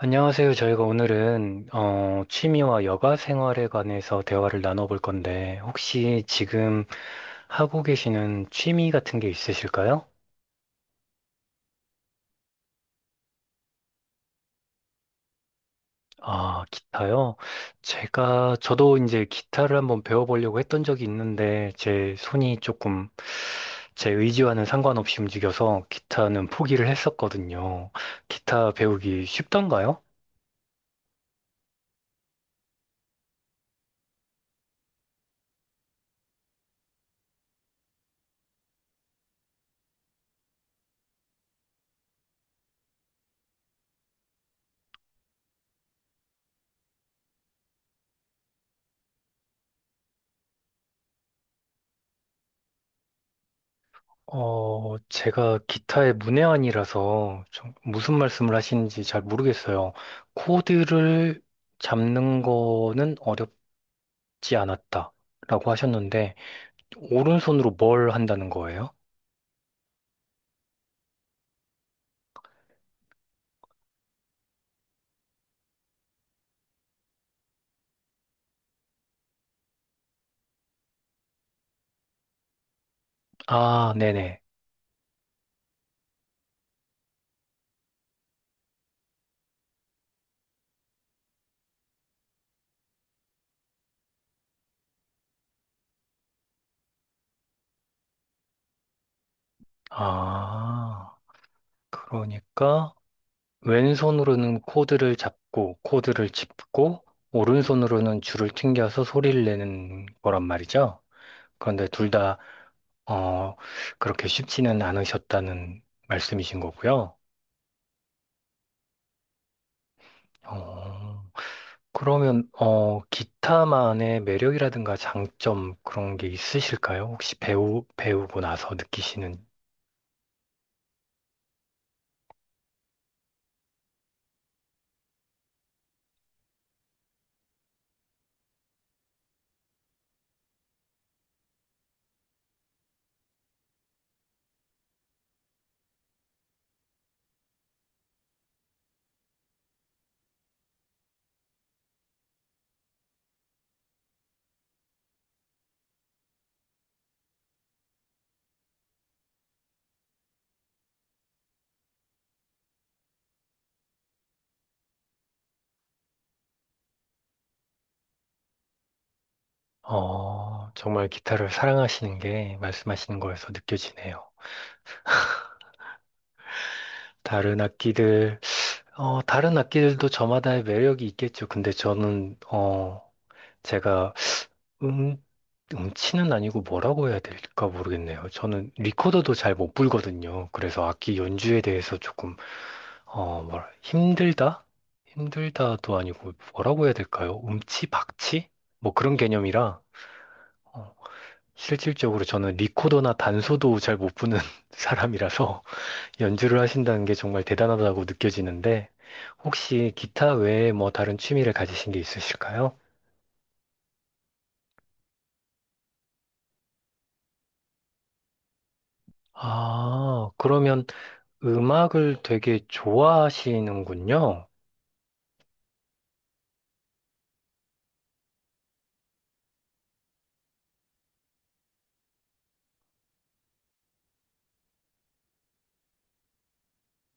안녕하세요. 저희가 오늘은 취미와 여가 생활에 관해서 대화를 나눠볼 건데, 혹시 지금 하고 계시는 취미 같은 게 있으실까요? 아, 기타요? 저도 이제 기타를 한번 배워보려고 했던 적이 있는데, 제 손이 조금 제 의지와는 상관없이 움직여서 기타는 포기를 했었거든요. 기타 배우기 쉽던가요? 제가 기타의 문외한이라서 좀 무슨 말씀을 하시는지 잘 모르겠어요. 코드를 잡는 거는 어렵지 않았다라고 하셨는데, 오른손으로 뭘 한다는 거예요? 아, 네네. 아, 그러니까 왼손으로는 코드를 잡고, 코드를 짚고, 오른손으로는 줄을 튕겨서 소리를 내는 거란 말이죠. 그런데 둘다 어, 그렇게 쉽지는 않으셨다는 말씀이신 거고요. 어, 그러면, 기타만의 매력이라든가 장점 그런 게 있으실까요? 혹시 배우고 나서 느끼시는, 어, 정말 기타를 사랑하시는 게 말씀하시는 거에서 느껴지네요. 다른 악기들, 어, 다른 악기들도 저마다의 매력이 있겠죠. 근데 저는, 어, 제가 음, 음치는 아니고 뭐라고 해야 될까 모르겠네요. 저는 리코더도 잘 못 불거든요. 그래서 악기 연주에 대해서 조금, 어, 뭐라, 힘들다? 힘들다도 아니고 뭐라고 해야 될까요? 음치, 박치? 뭐 그런 개념이라, 어, 실질적으로 저는 리코더나 단소도 잘 못 부는 사람이라서 연주를 하신다는 게 정말 대단하다고 느껴지는데, 혹시 기타 외에 뭐 다른 취미를 가지신 게 있으실까요? 아, 그러면 음악을 되게 좋아하시는군요.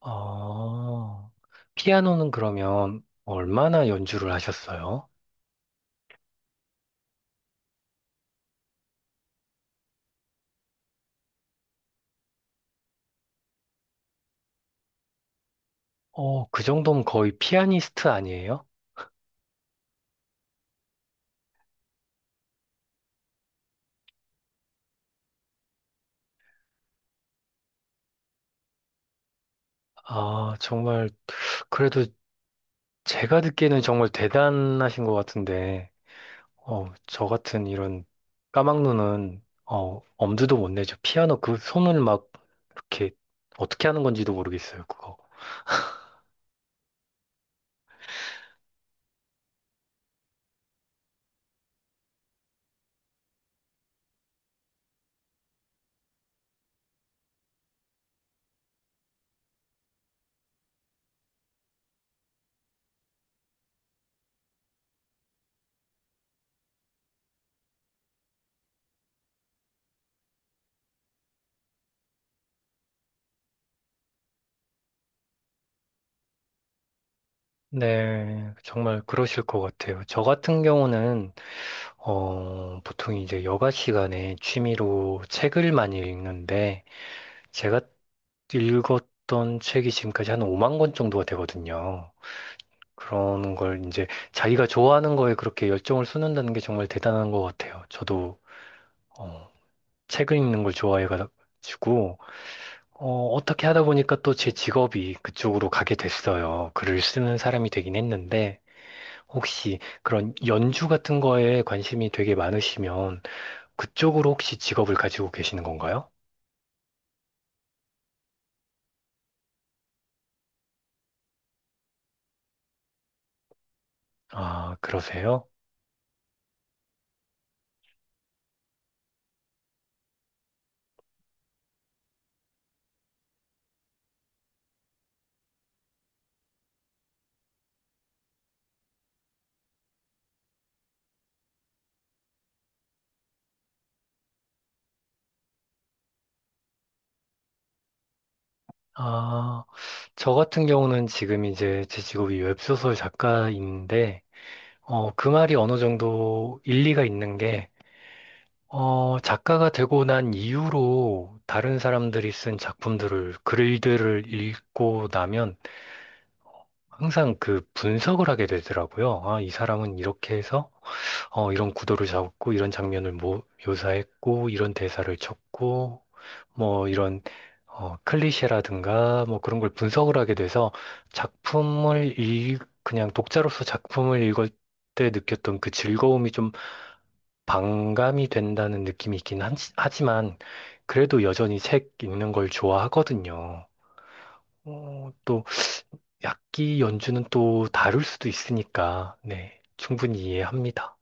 아, 피아노는 그러면 얼마나 연주를 하셨어요? 어, 그 정도면 거의 피아니스트 아니에요? 아, 정말, 그래도 제가 듣기에는 정말 대단하신 것 같은데, 어, 저 같은 이런 까막눈은, 어, 엄두도 못 내죠. 피아노 그 손을 막, 이렇게, 어떻게 하는 건지도 모르겠어요, 그거. 네, 정말 그러실 것 같아요. 저 같은 경우는, 보통 이제 여가 시간에 취미로 책을 많이 읽는데, 제가 읽었던 책이 지금까지 한 5만 권 정도가 되거든요. 그런 걸 이제 자기가 좋아하는 거에 그렇게 열정을 쏟는다는 게 정말 대단한 것 같아요. 저도, 어, 책을 읽는 걸 좋아해가지고, 어떻게 하다 보니까 또 제 직업이 그쪽으로 가게 됐어요. 글을 쓰는 사람이 되긴 했는데, 혹시 그런 연주 같은 거에 관심이 되게 많으시면, 그쪽으로 혹시 직업을 가지고 계시는 건가요? 아, 그러세요? 아, 저 같은 경우는 지금 이제 제 직업이 웹소설 작가인데, 어, 그 말이 어느 정도 일리가 있는 게, 어, 작가가 되고 난 이후로 다른 사람들이 쓴 글들을 읽고 나면 항상 그 분석을 하게 되더라고요. 아, 이 사람은 이렇게 해서, 어, 이런 구도를 잡고, 이런 장면을 묘사했고, 이런 대사를 쳤고, 뭐 이런 어, 클리셰라든가 뭐 그런 걸 분석을 하게 돼서 그냥 독자로서 작품을 읽을 때 느꼈던 그 즐거움이 좀 반감이 된다는 느낌이 있긴 하지만 그래도 여전히 책 읽는 걸 좋아하거든요. 어, 또 악기 연주는 또 다를 수도 있으니까 네, 충분히 이해합니다.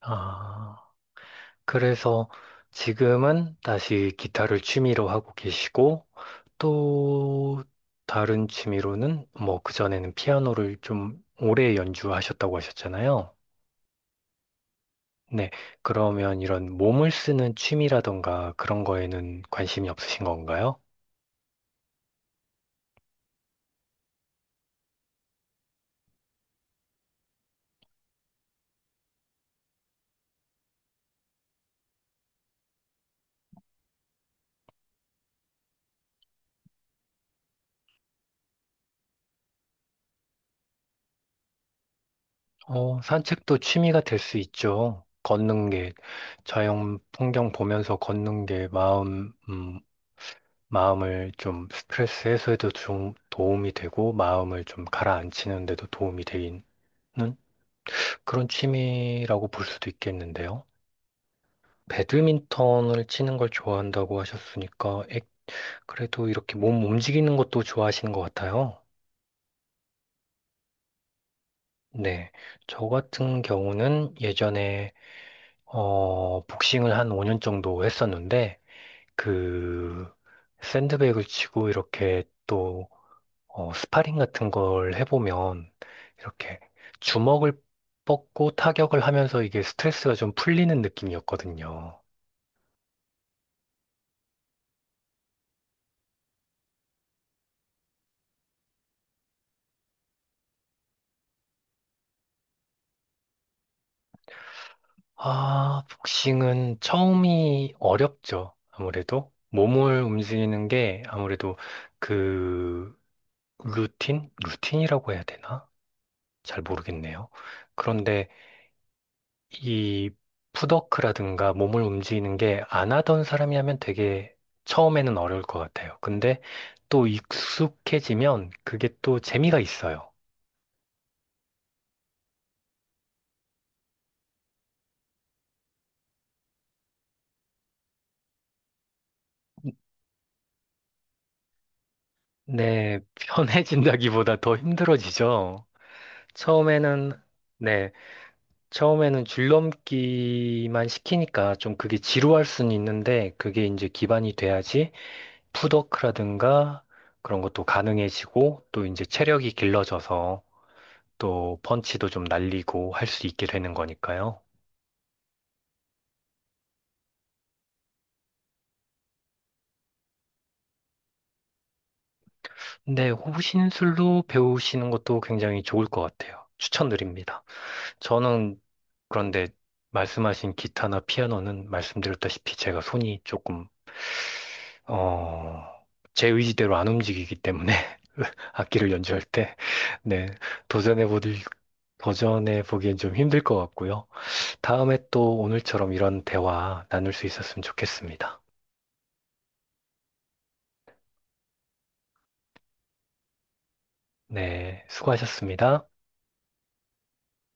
아, 그래서 지금은 다시 기타를 취미로 하고 계시고, 또 다른 취미로는 뭐 그전에는 피아노를 좀 오래 연주하셨다고 하셨잖아요. 네. 그러면 이런 몸을 쓰는 취미라던가 그런 거에는 관심이 없으신 건가요? 어, 산책도 취미가 될 수 있죠. 걷는 게, 자연 풍경 보면서 걷는 게 마음을 좀 스트레스 해소에도 좀 도움이 되고 마음을 좀 가라앉히는 데도 도움이 되는 그런 취미라고 볼 수도 있겠는데요. 배드민턴을 치는 걸 좋아한다고 하셨으니까 에, 그래도 이렇게 몸 움직이는 것도 좋아하시는 것 같아요. 네. 저 같은 경우는 예전에 복싱을 한 5년 정도 했었는데 그 샌드백을 치고 이렇게 또 스파링 같은 걸 해보면 이렇게 주먹을 뻗고 타격을 하면서 이게 스트레스가 좀 풀리는 느낌이었거든요. 아, 복싱은 처음이 어렵죠. 아무래도 몸을 움직이는 게 아무래도 그 루틴? 루틴이라고 해야 되나? 잘 모르겠네요. 그런데 이 푸더크라든가 몸을 움직이는 게 안 하던 사람이 하면 되게 처음에는 어려울 것 같아요. 근데 또 익숙해지면 그게 또 재미가 있어요. 네, 편해진다기보다 더 힘들어지죠. 처음에는, 네, 처음에는 줄넘기만 시키니까 좀 그게 지루할 수는 있는데 그게 이제 기반이 돼야지 푸더크라든가 그런 것도 가능해지고 또 이제 체력이 길러져서 또 펀치도 좀 날리고 할 수 있게 되는 거니까요. 근데 호신술로 배우시는 것도 굉장히 좋을 것 같아요. 추천드립니다. 저는 그런데 말씀하신 기타나 피아노는 말씀드렸다시피 제가 손이 조금 어, 제 의지대로 안 움직이기 때문에 악기를 연주할 때 네, 도전해 보들 도전해 보기엔 좀 힘들 것 같고요. 다음에 또 오늘처럼 이런 대화 나눌 수 있었으면 좋겠습니다. 네, 수고하셨습니다.